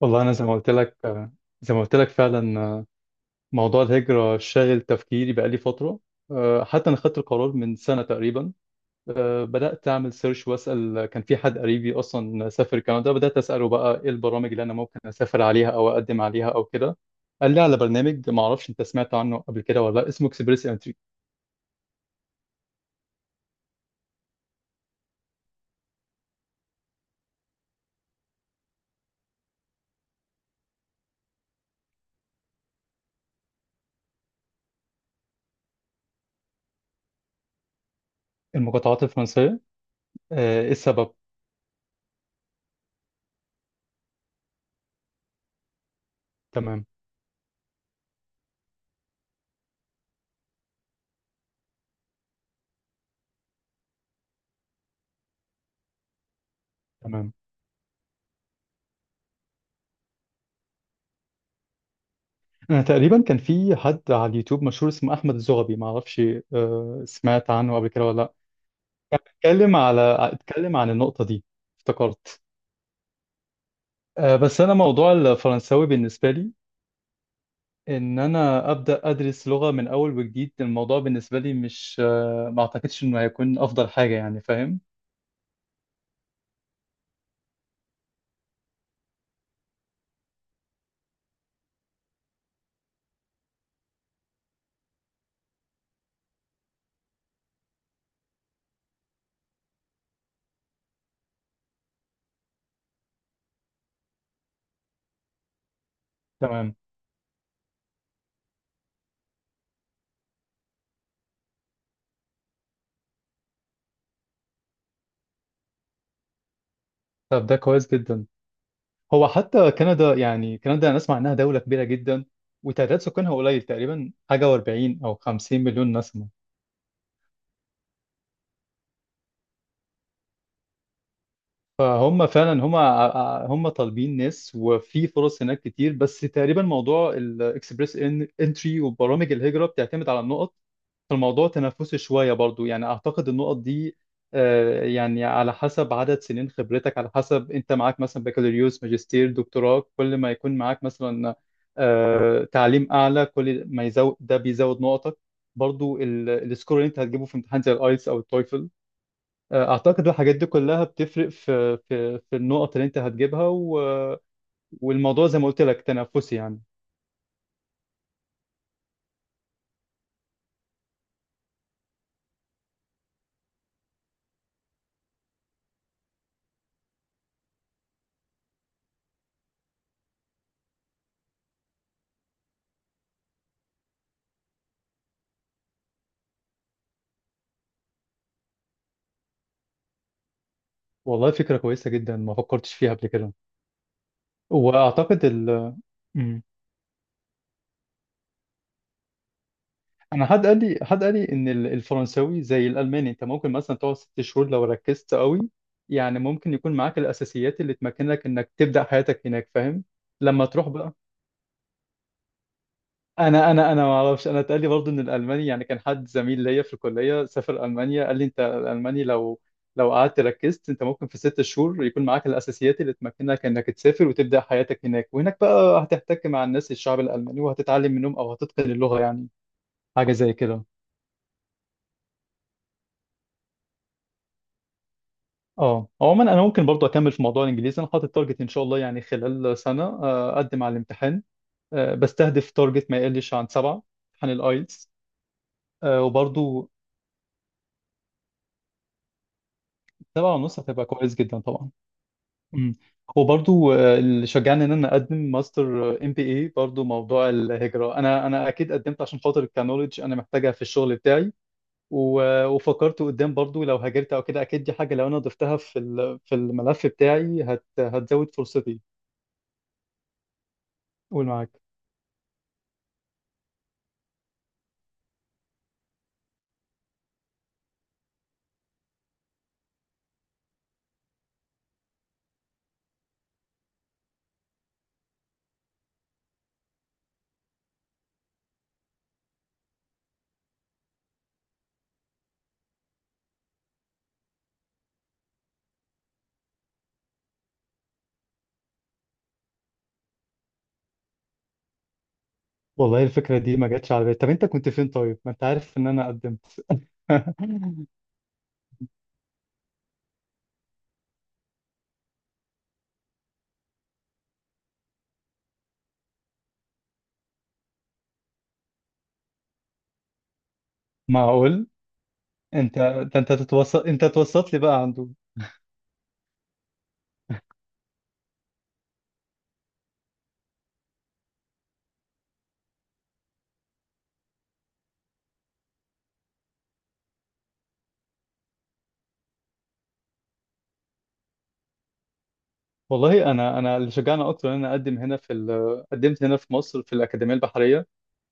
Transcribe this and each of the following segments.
والله انا زي ما قلت لك فعلا، موضوع الهجره شاغل تفكيري بقالي فتره. حتى انا خدت القرار من سنه تقريبا. بدات اعمل سيرش واسال، كان في حد قريبي اصلا سافر كندا. بدات اساله بقى ايه البرامج اللي انا ممكن اسافر عليها او اقدم عليها او كده. قال لي على برنامج، ما اعرفش انت سمعت عنه قبل كده ولا لا، اسمه اكسبريس انتري. المقاطعات الفرنسيه. ايه السبب؟ تمام، تمام. انا تقريبا كان في حد على اليوتيوب مشهور اسمه احمد الزغبي، ما اعرفش سمعت عنه قبل كده ولا لا. اتكلم على اتكلم عن النقطة دي. افتكرت. بس انا موضوع الفرنساوي بالنسبة لي، ان انا ابدا ادرس لغة من اول وجديد، الموضوع بالنسبة لي مش ما اعتقدش انه هيكون افضل حاجة، يعني فاهم. تمام. طب ده كويس جدا. هو حتى كندا، يعني كندا انا اسمع انها دولة كبيرة جدا وتعداد سكانها قليل، تقريبا حاجة و40 او 50 مليون نسمة. فهم فعلا هم طالبين ناس، وفي فرص هناك كتير. بس تقريبا موضوع الاكسبريس انتري وبرامج الهجرة بتعتمد على النقط. فالموضوع تنافسي شوية برضو، يعني أعتقد النقط دي يعني على حسب عدد سنين خبرتك، على حسب أنت معاك مثلا بكالوريوس ماجستير دكتوراه، كل ما يكون معاك مثلا تعليم أعلى كل ما يزود، ده بيزود نقطك. برضو السكور اللي أنت هتجيبه في امتحان زي الآيلتس أو التويفل، اعتقد الحاجات دي كلها بتفرق في النقط اللي انت هتجيبها والموضوع زي ما قلت لك تنافسي يعني. والله فكره كويسه جدا، ما فكرتش فيها قبل كده. واعتقد ال... مم. انا حد قال لي حد قال لي ان الفرنساوي زي الالماني، انت ممكن مثلا تقعد 6 شهور لو ركزت قوي، يعني ممكن يكون معاك الاساسيات اللي تمكنك انك تبدا حياتك هناك، فاهم. لما تروح بقى، انا ما اعرفش، انا اتقال لي برضه ان الالماني، يعني كان حد زميل ليا في الكليه سافر المانيا قال لي انت الالماني لو قعدت ركزت انت ممكن في 6 شهور يكون معاك الاساسيات اللي تمكنك انك تسافر وتبدا حياتك هناك، وهناك بقى هتحتك مع الناس الشعب الالماني وهتتعلم منهم او هتتقن اللغه، يعني حاجه زي كده. اه، عموما انا ممكن برضه اكمل في موضوع الانجليزي. انا حاطط تارجت ان شاء الله، يعني خلال سنه اقدم على الامتحان. بستهدف تارجت ما يقلش عن 7، امتحان الايلتس. وبرضه 7.5 هتبقى كويس جدا طبعا. مم. وبرضو اللي شجعني ان انا اقدم ماستر ام بي اي برضو موضوع الهجره. انا اكيد قدمت عشان خاطر الكنولج انا محتاجها في الشغل بتاعي. وفكرت قدام برضو، لو هاجرت او كده اكيد دي حاجه لو انا ضفتها في في الملف بتاعي هتزود فرصتي. قول معاك. والله الفكره دي ما جاتش على بالي. طب انت كنت فين؟ طيب ما انت عارف ان انا قدمت. معقول. انت، انت تتوسط، انت توسط لي بقى عنده. والله انا اللي شجعني اكتر ان انا اقدم هنا في قدمت هنا في مصر في الاكاديميه البحريه،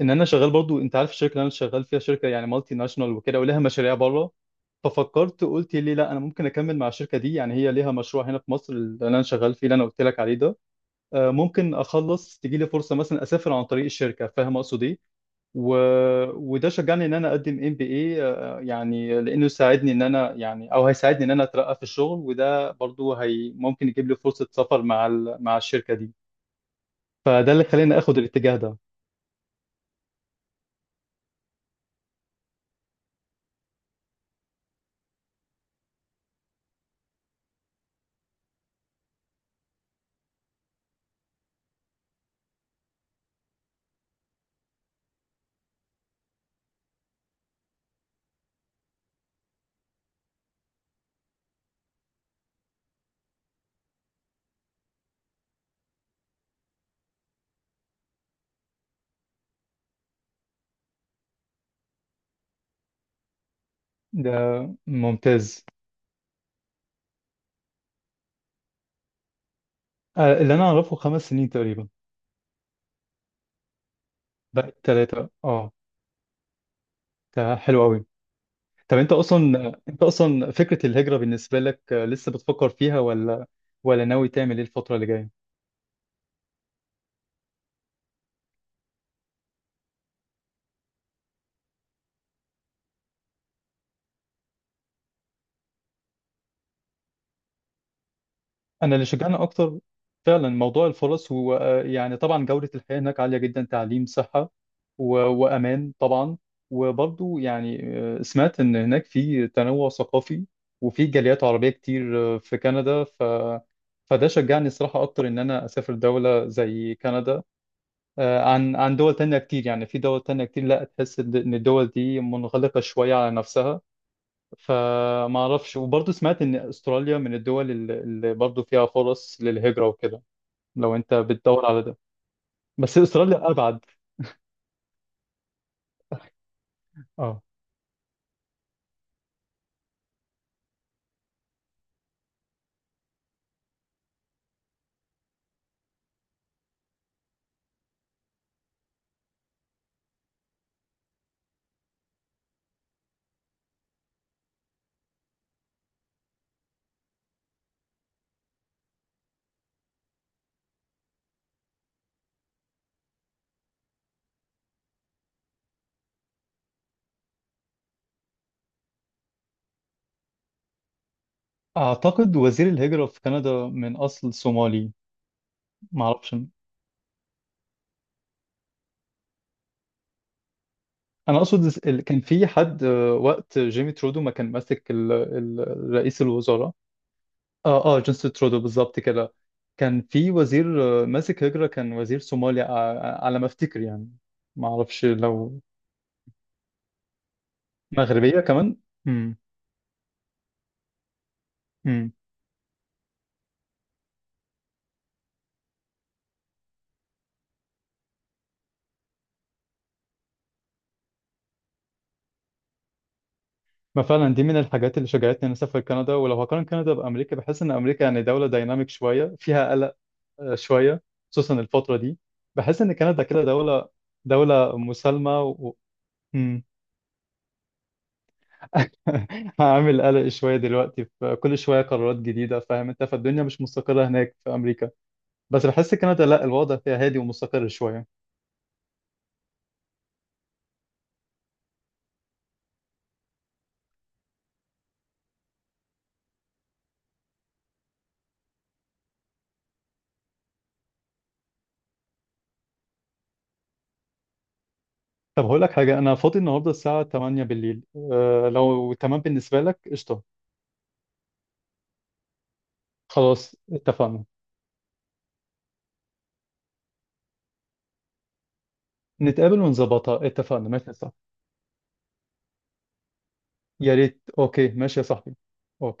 ان انا شغال برضو. انت عارف الشركه اللي انا شغال فيها شركه يعني مالتي ناشونال وكده، ولها مشاريع بره. ففكرت قلت ليه لا، انا ممكن اكمل مع الشركه دي، يعني هي ليها مشروع هنا في مصر اللي انا شغال فيه اللي انا قلت لك عليه ده. ممكن اخلص تجي لي فرصه مثلا اسافر عن طريق الشركه، فاهم اقصد ايه. و... وده شجعني ان انا اقدم ام بي اي، يعني لانه ساعدني ان انا، يعني او هيساعدني ان انا اترقى في الشغل، وده برضو هي ممكن يجيب لي فرصة سفر مع مع الشركة دي. فده اللي خلاني اخد الاتجاه ده. ده ممتاز. اللي انا اعرفه 5 سنين تقريبا. بقت 3 اه. ده حلو قوي. طب انت اصلا، فكرة الهجرة بالنسبة لك لسه بتفكر فيها ولا، ولا ناوي تعمل ايه الفترة اللي جاية؟ انا اللي شجعني اكتر فعلا موضوع الفرص. هو يعني طبعا جودة الحياة هناك عالية جدا، تعليم، صحة، وامان طبعا. وبرضو يعني سمعت ان هناك في تنوع ثقافي وفي جاليات عربية كتير في كندا. فده شجعني الصراحة أكتر إن أنا أسافر دولة زي كندا عن دول تانية كتير، يعني في دول تانية كتير لا، تحس إن الدول دي منغلقة شوية على نفسها. فما اعرفش، وبرضه سمعت ان استراليا من الدول اللي برضه فيها فرص للهجرة وكده، لو انت بتدور على ده، بس استراليا ابعد. اه، اعتقد وزير الهجرة في كندا من اصل صومالي. ما اعرفش، انا اقصد كان في حد وقت جيمي ترودو ما كان ماسك رئيس الوزراء. اه جيمس ترودو بالظبط كده، كان في وزير ماسك هجرة، كان وزير صومالي، على ما افتكر يعني. ما اعرفش لو مغربية كمان. امم. ما فعلا دي من الحاجات اللي شجعتني اني اسافر كندا. ولو هقارن كندا بامريكا بحس ان امريكا يعني دوله دايناميك شويه، فيها قلق شويه، خصوصا الفتره دي. بحس ان كندا كده دوله مسالمه مم. هعمل قلق شويه دلوقتي، في كل شويه قرارات جديده، فاهم انت، فالدنيا مش مستقره هناك في امريكا. بس بحس كندا لا، الوضع فيها هادي ومستقر شويه. طب هقول لك حاجه، انا فاضي النهارده الساعه 8 بالليل. أه لو تمام بالنسبه لك قشطه. خلاص اتفقنا. نتقابل ونظبطها، اتفقنا ماشي يا صاحبي. يا ريت، اوكي ماشي يا صاحبي. أوكي.